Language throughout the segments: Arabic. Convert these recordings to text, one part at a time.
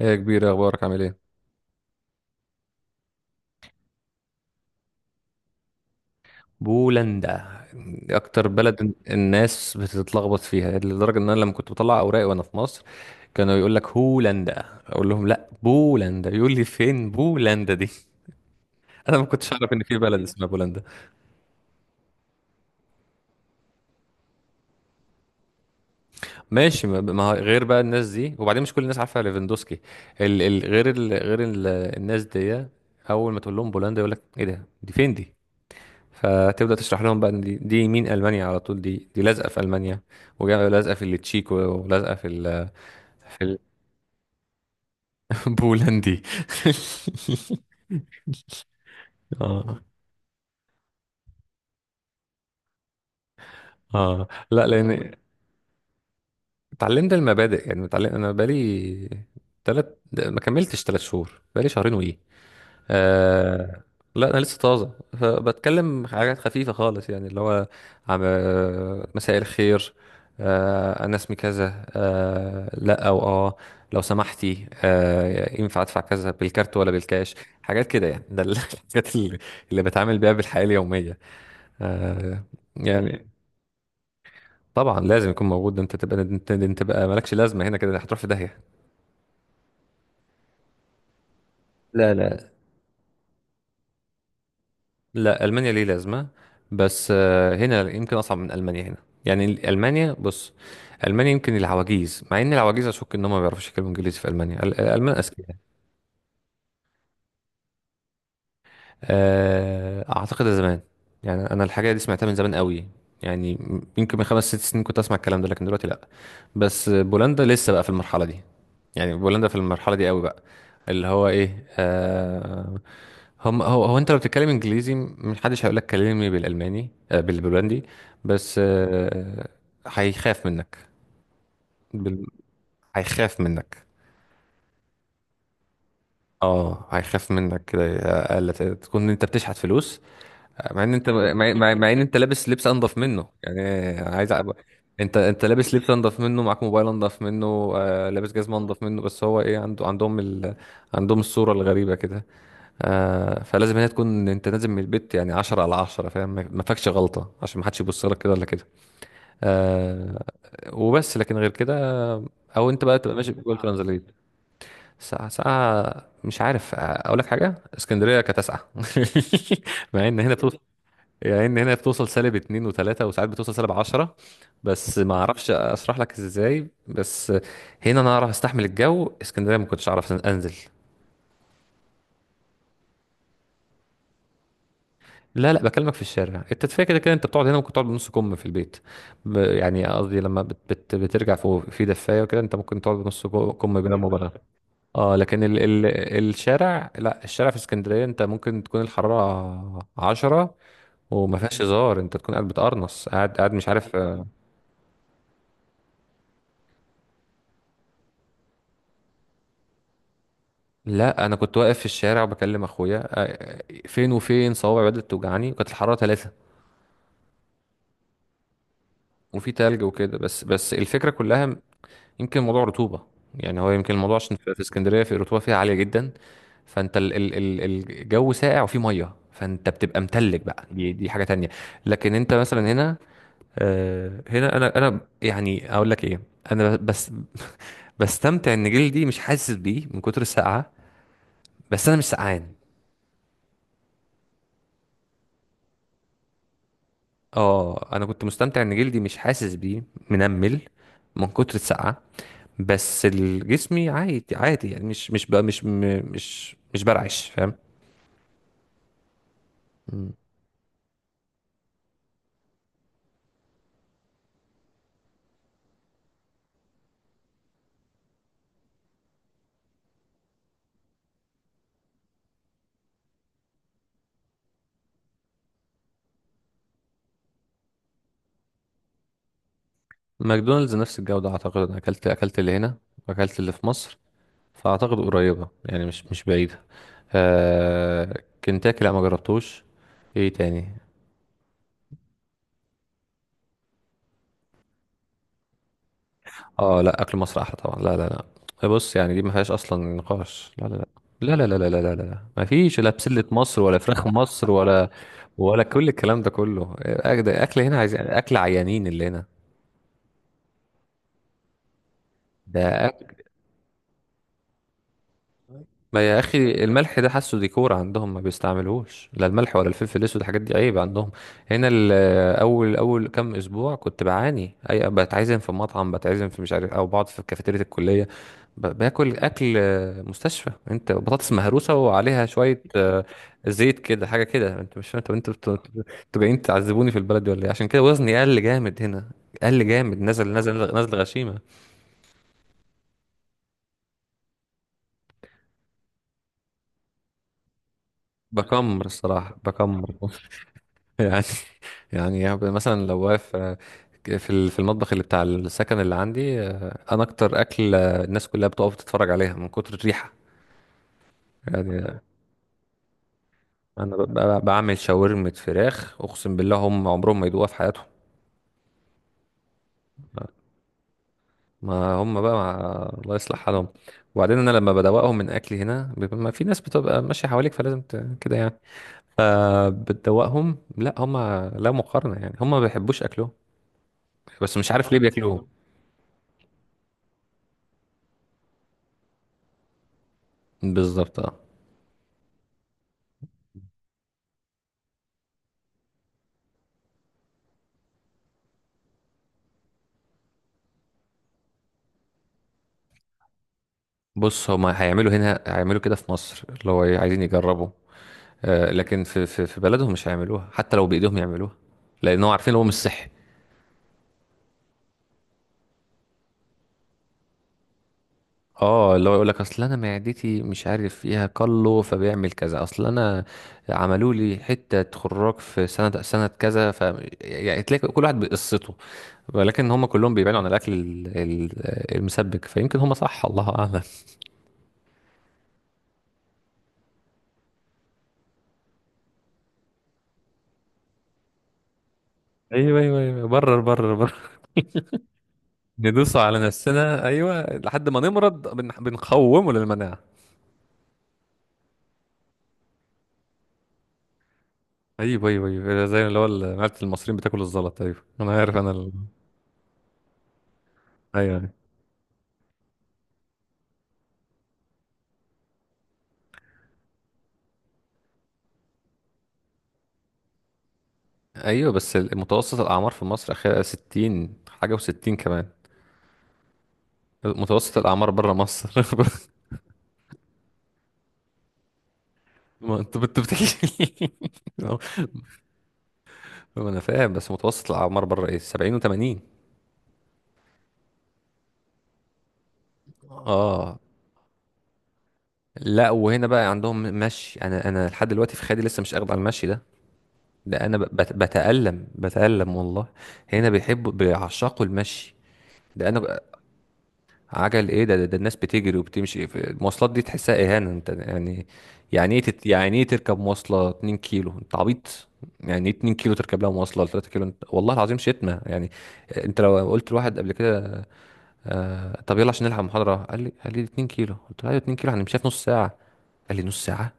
ايه يا كبير، اخبارك؟ عامل ايه؟ بولندا. اكتر بلد الناس بتتلخبط فيها، لدرجه ان انا لما كنت بطلع اوراقي وانا في مصر كانوا يقول لك هولندا، اقول لهم لا بولندا، يقول لي فين بولندا دي؟ انا ما كنتش اعرف ان في بلد اسمها بولندا. ماشي، ما هو غير بقى الناس دي، وبعدين مش كل الناس عارفه ليفاندوسكي. ال ال غير ال غير ال الناس دي اول ما تقول لهم بولندا يقول لك ايه ده، دي فين دي؟ فتبدأ تشرح لهم بقى إن دي مين. ألمانيا على طول، دي لازقة في ألمانيا ولازقة في التشيك ولازقة في ال... في البولندي. اه اه لا، لأن اتعلمت المبادئ. يعني اتعلم، أنا بقالي تلات ما كملتش 3 شهور، بقالي شهرين وإيه. آه، لا انا لسه طازه، فبتكلم حاجات خفيفه خالص، يعني اللي هو عم مساء الخير، انا اسمي كذا، لا او اه لو سمحتي ينفع ادفع كذا بالكارت ولا بالكاش. حاجات كده يعني، ده الحاجات اللي بتعامل بيها بالحياه اليوميه. آه، يعني طبعا لازم يكون موجود. ده انت تبقى انت بقى مالكش لازمه هنا، كده هتروح في داهيه. لا لا، لا المانيا ليه لازمه، بس هنا يمكن اصعب من المانيا. هنا يعني المانيا، بص، المانيا يمكن العواجيز، مع ان العواجيز اشك ان هم ما بيعرفوش يتكلموا انجليزي. في المانيا الالمان اذكياء. آه، اعتقد ده زمان، يعني انا الحاجه دي سمعتها من زمان قوي. يعني يمكن من 5 6 سنين كنت اسمع الكلام ده، لكن دلوقتي لا. بس بولندا لسه بقى في المرحله دي، يعني بولندا في المرحله دي قوي بقى، اللي هو ايه، آه، هم هو هو انت لو بتتكلم انجليزي محدش هيقول لك كلمني بالالماني، آه بالبولندي. بس آه، هيخاف منك. بال... هيخاف منك. اه، هيخاف منك كده، اقل تكون انت بتشحت فلوس، مع ان انت مع ان انت لابس لبس انضف منه يعني. عايز أ... انت لابس لبس انضف منه، معاك موبايل انضف منه، آه لابس جزمه انضف منه، بس هو ايه، عنده عندهم ال... عندهم الصوره الغريبه كده. آه، فلازم هي تكون انت نازل من البيت يعني 10 على 10 فاهم، ما فيكش غلطه، عشان ما حدش يبص لك كده ولا كده. آه، وبس، لكن غير كده او انت بقى تبقى ماشي بجوجل ترانزليت. ساعة ساعة مش عارف اقول لك حاجة. اسكندرية كانت اسقع مع ان هنا بتوصل، يعني ان هنا بتوصل -2 وتلاتة، وساعات بتوصل -10، بس ما اعرفش اشرح لك ازاي. بس هنا انا اعرف استحمل الجو، اسكندريه ما كنتش اعرف انزل. لا لا، بكلمك في الشارع، التدفئه كده كده انت بتقعد هنا ممكن تقعد بنص كم في البيت، يعني قصدي لما بت بت بترجع فوق في دفايه وكده انت ممكن تقعد كم بلا مبالغه. اه، لكن ال الشارع، لا الشارع في اسكندريه انت ممكن تكون الحراره 10 وما فيهاش هزار، انت تكون قاعد بتقرنص، قاعد مش عارف. لا انا كنت واقف في الشارع وبكلم اخويا، فين وفين صوابعي بدات توجعني، وكانت الحراره 3، وفي تلج وكده. بس الفكره كلها م-... يمكن موضوع رطوبه، يعني هو يمكن الموضوع عشان في في اسكندريه في الرطوبه فيها عاليه جدا، فانت ال الجو ساقع وفيه ميه فانت بتبقى متلج بقى، دي حاجه تانية. لكن انت مثلا هنا آه، هنا انا يعني اقول لك ايه، انا بس بستمتع ان جلدي مش حاسس بيه من كتر السقعه، بس انا مش سقعان. اه انا كنت مستمتع ان جلدي مش حاسس بيه، منمل من كتر السقعه، بس الجسمي عادي عادي، يعني مش مش بقى مش م- مش مش برعش، فاهم. مم. ماكدونالدز نفس الجوده، اعتقد، انا اكلت اللي هنا واكلت اللي في مصر، فاعتقد قريبه يعني، مش بعيده. آه، كنتاكي لا ما جربتوش. ايه تاني؟ اه لا، اكل مصر احلى طبعا، لا لا، لا بص، يعني دي ما فيهاش اصلا نقاش، لا لا لا لا لا لا لا لا لا لا ما فيش لا بسلة مصر ولا فراخ مصر ولا، ولا كل الكلام ده كله. اكل، هنا عايز اكل، عيانين اللي هنا ده. ما يا اخي الملح ده حاسه ديكور عندهم، ما بيستعملوش لا الملح ولا الفلفل الاسود، الحاجات دي عيب عندهم. هنا اول كام اسبوع كنت بعاني، اي بتعزم في مطعم، بتعزم في مش عارف، او بقعد في كافيتيريا الكليه باكل اكل آه، مستشفى. انت بطاطس مهروسه وعليها شويه آه، زيت كده، حاجه كده انت مش فاهم. طب انتوا جايين تعذبوني في البلد دي ولا ايه؟ عشان كده وزني قل جامد هنا، قل جامد، نزل غشيمه. بكمر الصراحه بكمر، يعني يعني مثلا لو واقف آه، في في المطبخ اللي بتاع السكن اللي عندي، آه، انا اكتر اكل آه، الناس كلها بتقف تتفرج عليها من كتر الريحه، يعني آه، انا بعمل شاورما فراخ، اقسم بالله هم عمرهم ما يدوقوها في حياتهم. ما هم بقى مع... الله يصلح حالهم. وبعدين انا لما بدوقهم من اكلي هنا بيبقى، ما في ناس بتبقى ماشيه حواليك فلازم ت... كده يعني، آه، بتدوقهم. لا هم، لا مقارنه، يعني هم ما بيحبوش اكلهم، بس مش عارف ليه بياكلوهم. بالظبط، اه. بص هما هيعملوا هنا، هيعملوا كده في مصر، اللي هو إيه، عايزين يجربوا، آه، لكن في بلدهم مش هيعملوها، حتى لو بايدهم يعملوها، لانهم عارفين إن هو مش صحي. اه، اللي هو يقول لك اصل انا معدتي مش عارف فيها كله، فبيعمل كذا، اصل انا عملوا لي حته خراج في سنه كذا، ف يعني تلاقي كل واحد بقصته، ولكن هم كلهم بيبعدوا عن الاكل المسبك، فيمكن هم صح، الله اعلم. ايوه، برر برر، ندوس على نفسنا ايوه، لحد ما نمرض بنقومه للمناعه. ايوه، زي اللي هو معلة المصريين بتاكل الزلط، ايوه انا عارف انا ال... ايوه ايوه، بس متوسط الاعمار في مصر اخيرا 60 حاجه و60 كمان، متوسط الاعمار بره مصر ما انت بتحكي. ما انا فاهم، بس متوسط الاعمار بره ايه، 70 و80. اه لا، وهنا بقى عندهم مشي، انا لحد دلوقتي في خيالي لسه مش اخد على المشي ده، ده انا بتألم، بتألم والله. هنا بيحبوا بيعشقوا المشي ده، انا عجل ايه ده, الناس بتجري وبتمشي، في المواصلات دي تحسها اهانة انت يعني. يعني ايه يعني ايه تركب مواصلة 2 كيلو؟ انت عبيط، يعني ايه 2 كيلو تركب لها مواصلة ولا 3 كيلو، انت والله العظيم شتمة يعني. انت لو قلت لواحد قبل كده آه طب يلا عشان نلحق محاضرة، قال لي 2 كيلو، قلت له ايوه 2 كيلو هنمشيها في نص ساعة، قال لي نص ساعة!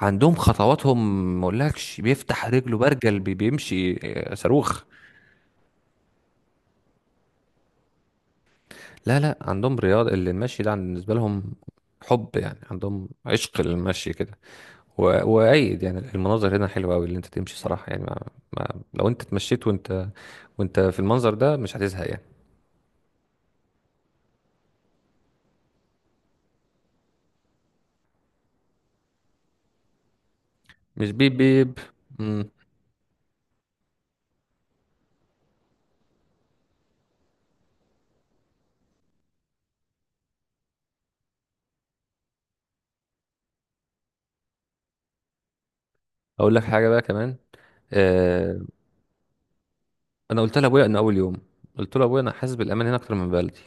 عندهم خطواتهم ما اقولكش، بيفتح رجله برجل، بيمشي آه، صاروخ. لا لا عندهم رياضة، اللي المشي ده بالنسبة لهم حب، يعني عندهم عشق للمشي كده، وأيد يعني المناظر هنا حلوة أوي، اللي أنت تمشي صراحة، يعني ما ما لو أنت اتمشيت وأنت، وأنت في المنظر ده، مش هتزهق يعني. مش بيب بيب. مم. أقول لك حاجة بقى كمان، آه، أنا قلت لأبويا إن أول يوم، قلت له أبويا أنا حاسس بالأمان هنا أكتر من بلدي،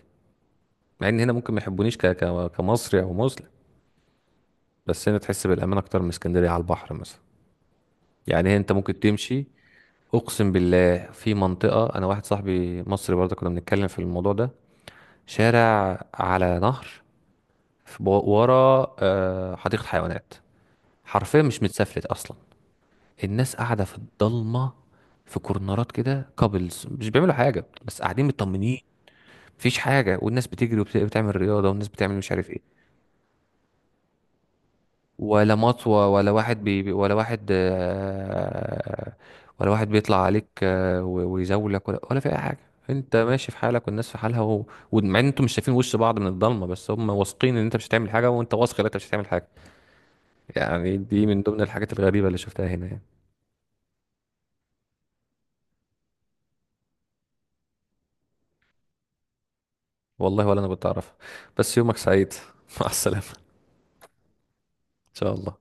مع إن هنا ممكن ما يحبونيش كمصري أو مسلم، بس هنا تحس بالامان اكتر من اسكندريه على البحر مثلا. يعني انت ممكن تمشي. اقسم بالله في منطقه، انا واحد صاحبي مصري برضه كنا بنتكلم في الموضوع ده، شارع على نهر، ورا آه، حديقه حيوانات، حرفيا مش متسفلت اصلا، الناس قاعده في الضلمه، في كورنرات كده، كابلز مش بيعملوا حاجه بس قاعدين مطمنين، مفيش حاجه، والناس بتجري وبتعمل رياضه والناس بتعمل مش عارف ايه. ولا مطوة، ولا واحد ولا واحد آه، ولا واحد بيطلع عليك آه، ويزولك، ولا ولا في أي حاجة. أنت ماشي في حالك والناس في حالها، و... ومع إن أنتوا مش شايفين وش بعض من الضلمة، بس هم واثقين إن أنت مش هتعمل حاجة، وأنت واثق إن أنت مش هتعمل حاجة. يعني دي من ضمن الحاجات الغريبة اللي شفتها هنا يعني. والله ولا أنا كنت أعرفها. بس يومك سعيد، مع السلامة، إن شاء الله.